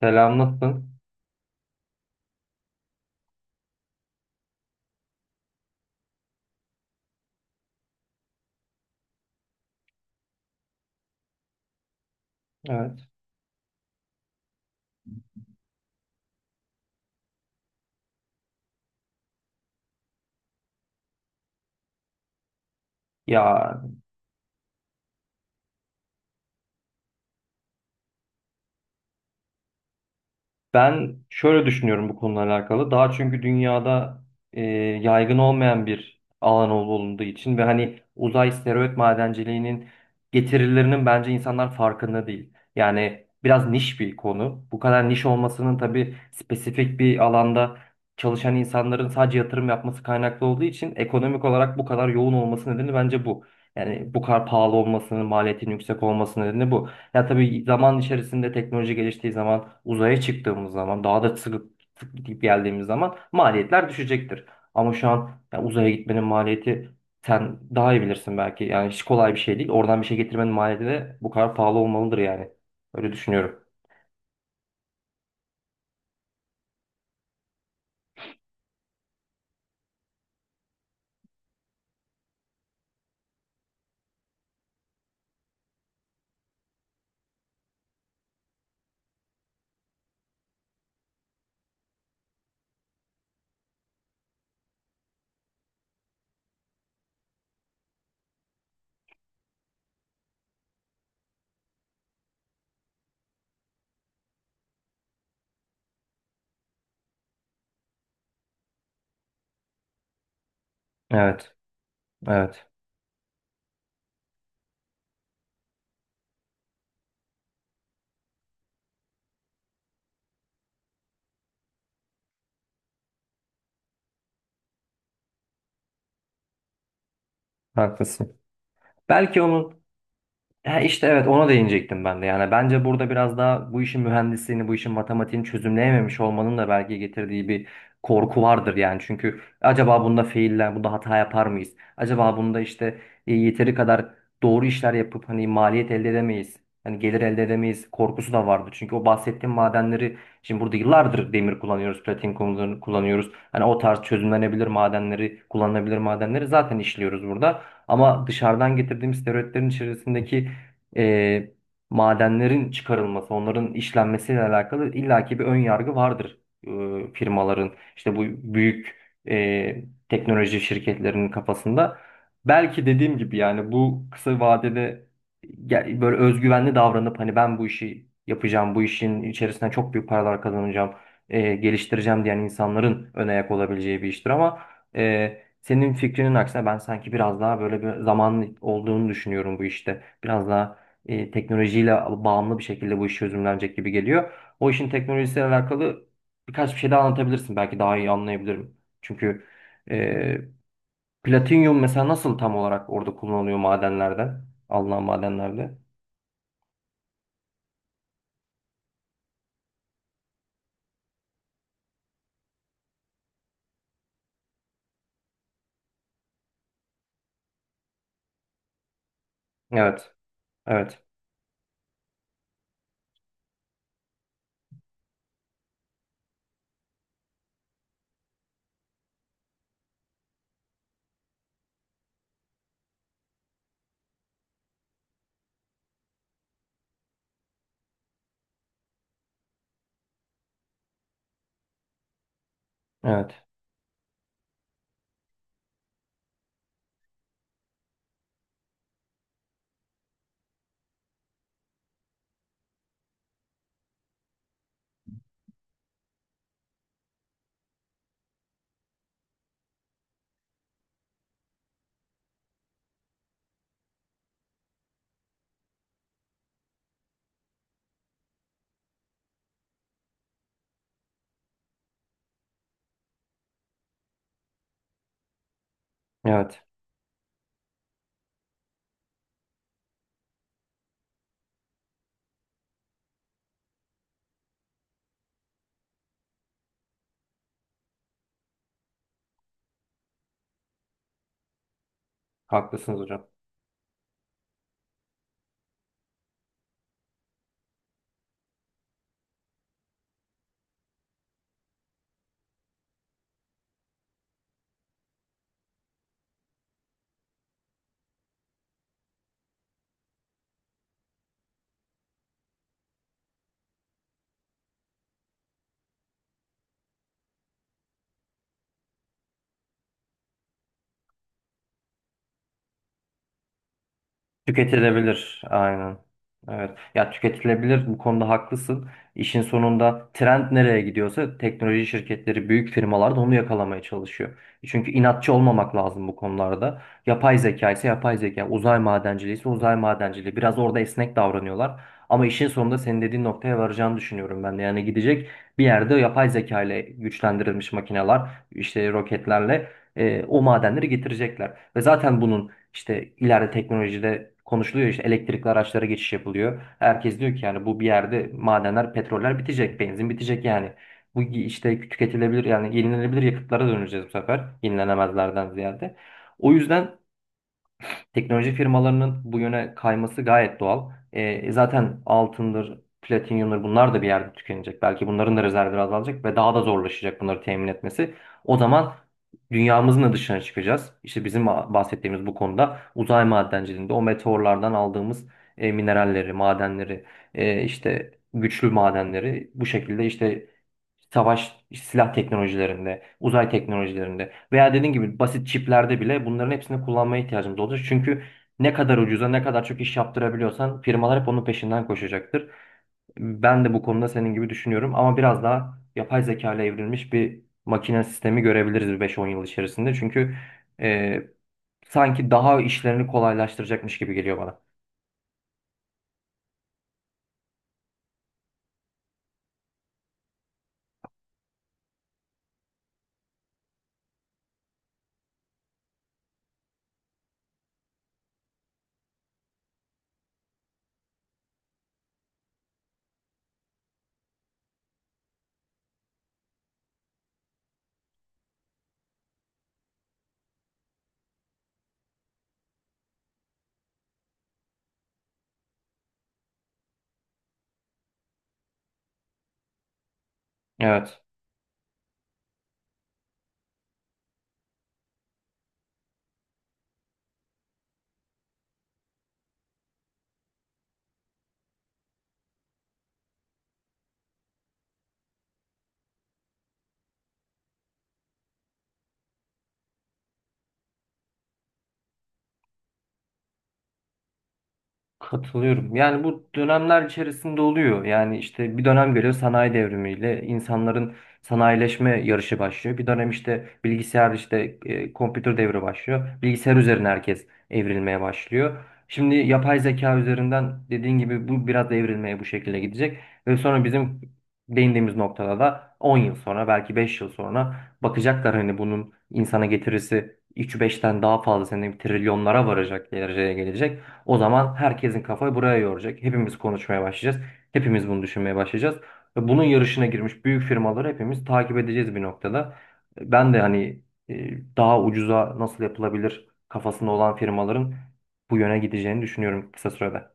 Selam, nasılsın? Evet. Ya Ben şöyle düşünüyorum bu konuyla alakalı. Daha çünkü dünyada e, yaygın olmayan bir alan olduğu için ve hani uzay steroid madenciliğinin getirilerinin bence insanlar farkında değil. Yani biraz niş bir konu. Bu kadar niş olmasının tabii spesifik bir alanda çalışan insanların sadece yatırım yapması kaynaklı olduğu için ekonomik olarak bu kadar yoğun olması nedeni bence bu. Yani bu kadar pahalı olmasının, maliyetin yüksek olması nedeni bu. Ya tabii zaman içerisinde teknoloji geliştiği zaman, uzaya çıktığımız zaman, daha da sıkıp gidip geldiğimiz zaman maliyetler düşecektir. Ama şu an ya uzaya gitmenin maliyeti sen daha iyi bilirsin belki. Yani hiç kolay bir şey değil. Oradan bir şey getirmenin maliyeti de bu kadar pahalı olmalıdır yani. Öyle düşünüyorum. Evet, evet. Haklısın. Belki onun... Ya işte evet, ona değinecektim ben de. Yani bence burada biraz daha bu işin mühendisliğini, bu işin matematiğini çözümleyememiş olmanın da belki getirdiği bir korku vardır yani. Çünkü acaba bunda failler, bunda hata yapar mıyız? Acaba bunda işte yeteri kadar doğru işler yapıp hani maliyet elde edemeyiz. Hani gelir elde edemeyiz korkusu da vardı. Çünkü o bahsettiğim madenleri şimdi burada yıllardır demir kullanıyoruz, kullanıyoruz. Hani o tarz çözümlenebilir madenleri, kullanılabilir madenleri zaten işliyoruz burada. Ama dışarıdan getirdiğimiz steroidlerin içerisindeki e, madenlerin çıkarılması, onların işlenmesiyle alakalı illaki bir ön yargı vardır firmaların, işte bu büyük teknoloji şirketlerinin kafasında. Belki dediğim gibi yani bu kısa vadede böyle özgüvenli davranıp hani ben bu işi yapacağım, bu işin içerisinden çok büyük paralar kazanacağım, geliştireceğim diyen insanların ön ayak olabileceği bir iştir ama senin fikrinin aksine ben sanki biraz daha böyle bir zamanın olduğunu düşünüyorum bu işte. Biraz daha teknolojiyle bağımlı bir şekilde bu iş çözümlenecek gibi geliyor. O işin teknolojisiyle alakalı birkaç bir şey daha anlatabilirsin. Belki daha iyi anlayabilirim. Çünkü e, platinyum mesela nasıl tam olarak orada kullanılıyor madenlerden? Alınan madenlerde. Evet. Evet. Evet. Evet. Haklısınız hocam. Tüketilebilir, aynen. Evet. Ya, tüketilebilir, bu konuda haklısın. İşin sonunda trend nereye gidiyorsa teknoloji şirketleri, büyük firmalar da onu yakalamaya çalışıyor. Çünkü inatçı olmamak lazım bu konularda. Yapay zeka ise yapay zeka, uzay madenciliği ise uzay madenciliği. Biraz orada esnek davranıyorlar. Ama işin sonunda senin dediğin noktaya varacağını düşünüyorum ben de. Yani gidecek bir yerde yapay zeka ile güçlendirilmiş makineler, işte roketlerle o madenleri getirecekler. Ve zaten bunun işte ileride teknolojide konuşuluyor, işte elektrikli araçlara geçiş yapılıyor. Herkes diyor ki yani bu bir yerde madenler, petroller bitecek, benzin bitecek yani. Bu işte tüketilebilir yani yenilenebilir yakıtlara döneceğiz bu sefer, yenilenemezlerden ziyade. O yüzden teknoloji firmalarının bu yöne kayması gayet doğal. E, zaten altındır, platinyumdur, bunlar da bir yerde tükenecek. Belki bunların da rezervleri azalacak ve daha da zorlaşacak bunları temin etmesi. O zaman dünyamızın da dışına çıkacağız. İşte bizim bahsettiğimiz bu konuda uzay madenciliğinde o meteorlardan aldığımız mineralleri, madenleri, işte güçlü madenleri bu şekilde işte savaş silah teknolojilerinde, uzay teknolojilerinde veya dediğin gibi basit çiplerde bile bunların hepsini kullanmaya ihtiyacımız olacak. Çünkü ne kadar ucuza, ne kadar çok iş yaptırabiliyorsan firmalar hep onun peşinden koşacaktır. Ben de bu konuda senin gibi düşünüyorum, ama biraz daha yapay zeka ile evrilmiş bir makine sistemi görebiliriz bir 5-10 yıl içerisinde. Çünkü e, sanki daha işlerini kolaylaştıracakmış gibi geliyor bana. Evet. Katılıyorum. Yani bu dönemler içerisinde oluyor. Yani işte bir dönem geliyor, sanayi devrimiyle insanların sanayileşme yarışı başlıyor. Bir dönem işte bilgisayar, işte kompütür devri başlıyor. Bilgisayar üzerine herkes evrilmeye başlıyor. Şimdi yapay zeka üzerinden dediğin gibi bu biraz da evrilmeye bu şekilde gidecek. Ve sonra bizim değindiğimiz noktada da 10 yıl sonra, belki 5 yıl sonra bakacaklar hani bunun insana getirisi 3-5'ten daha fazla sene trilyonlara varacak dereceye gelecek. O zaman herkesin kafayı buraya yoracak. Hepimiz konuşmaya başlayacağız. Hepimiz bunu düşünmeye başlayacağız. Ve bunun yarışına girmiş büyük firmaları hepimiz takip edeceğiz bir noktada. Ben de hani daha ucuza nasıl yapılabilir kafasında olan firmaların bu yöne gideceğini düşünüyorum kısa sürede.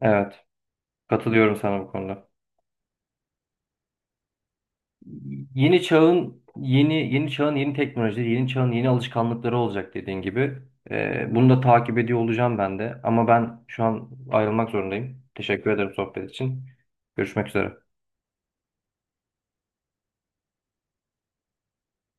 Evet, katılıyorum sana bu konuda. Yeni çağın yeni, teknolojileri, yeni çağın yeni alışkanlıkları olacak dediğin gibi. Bunu da takip ediyor olacağım ben de. Ama ben şu an ayrılmak zorundayım. Teşekkür ederim sohbet için. Görüşmek üzere.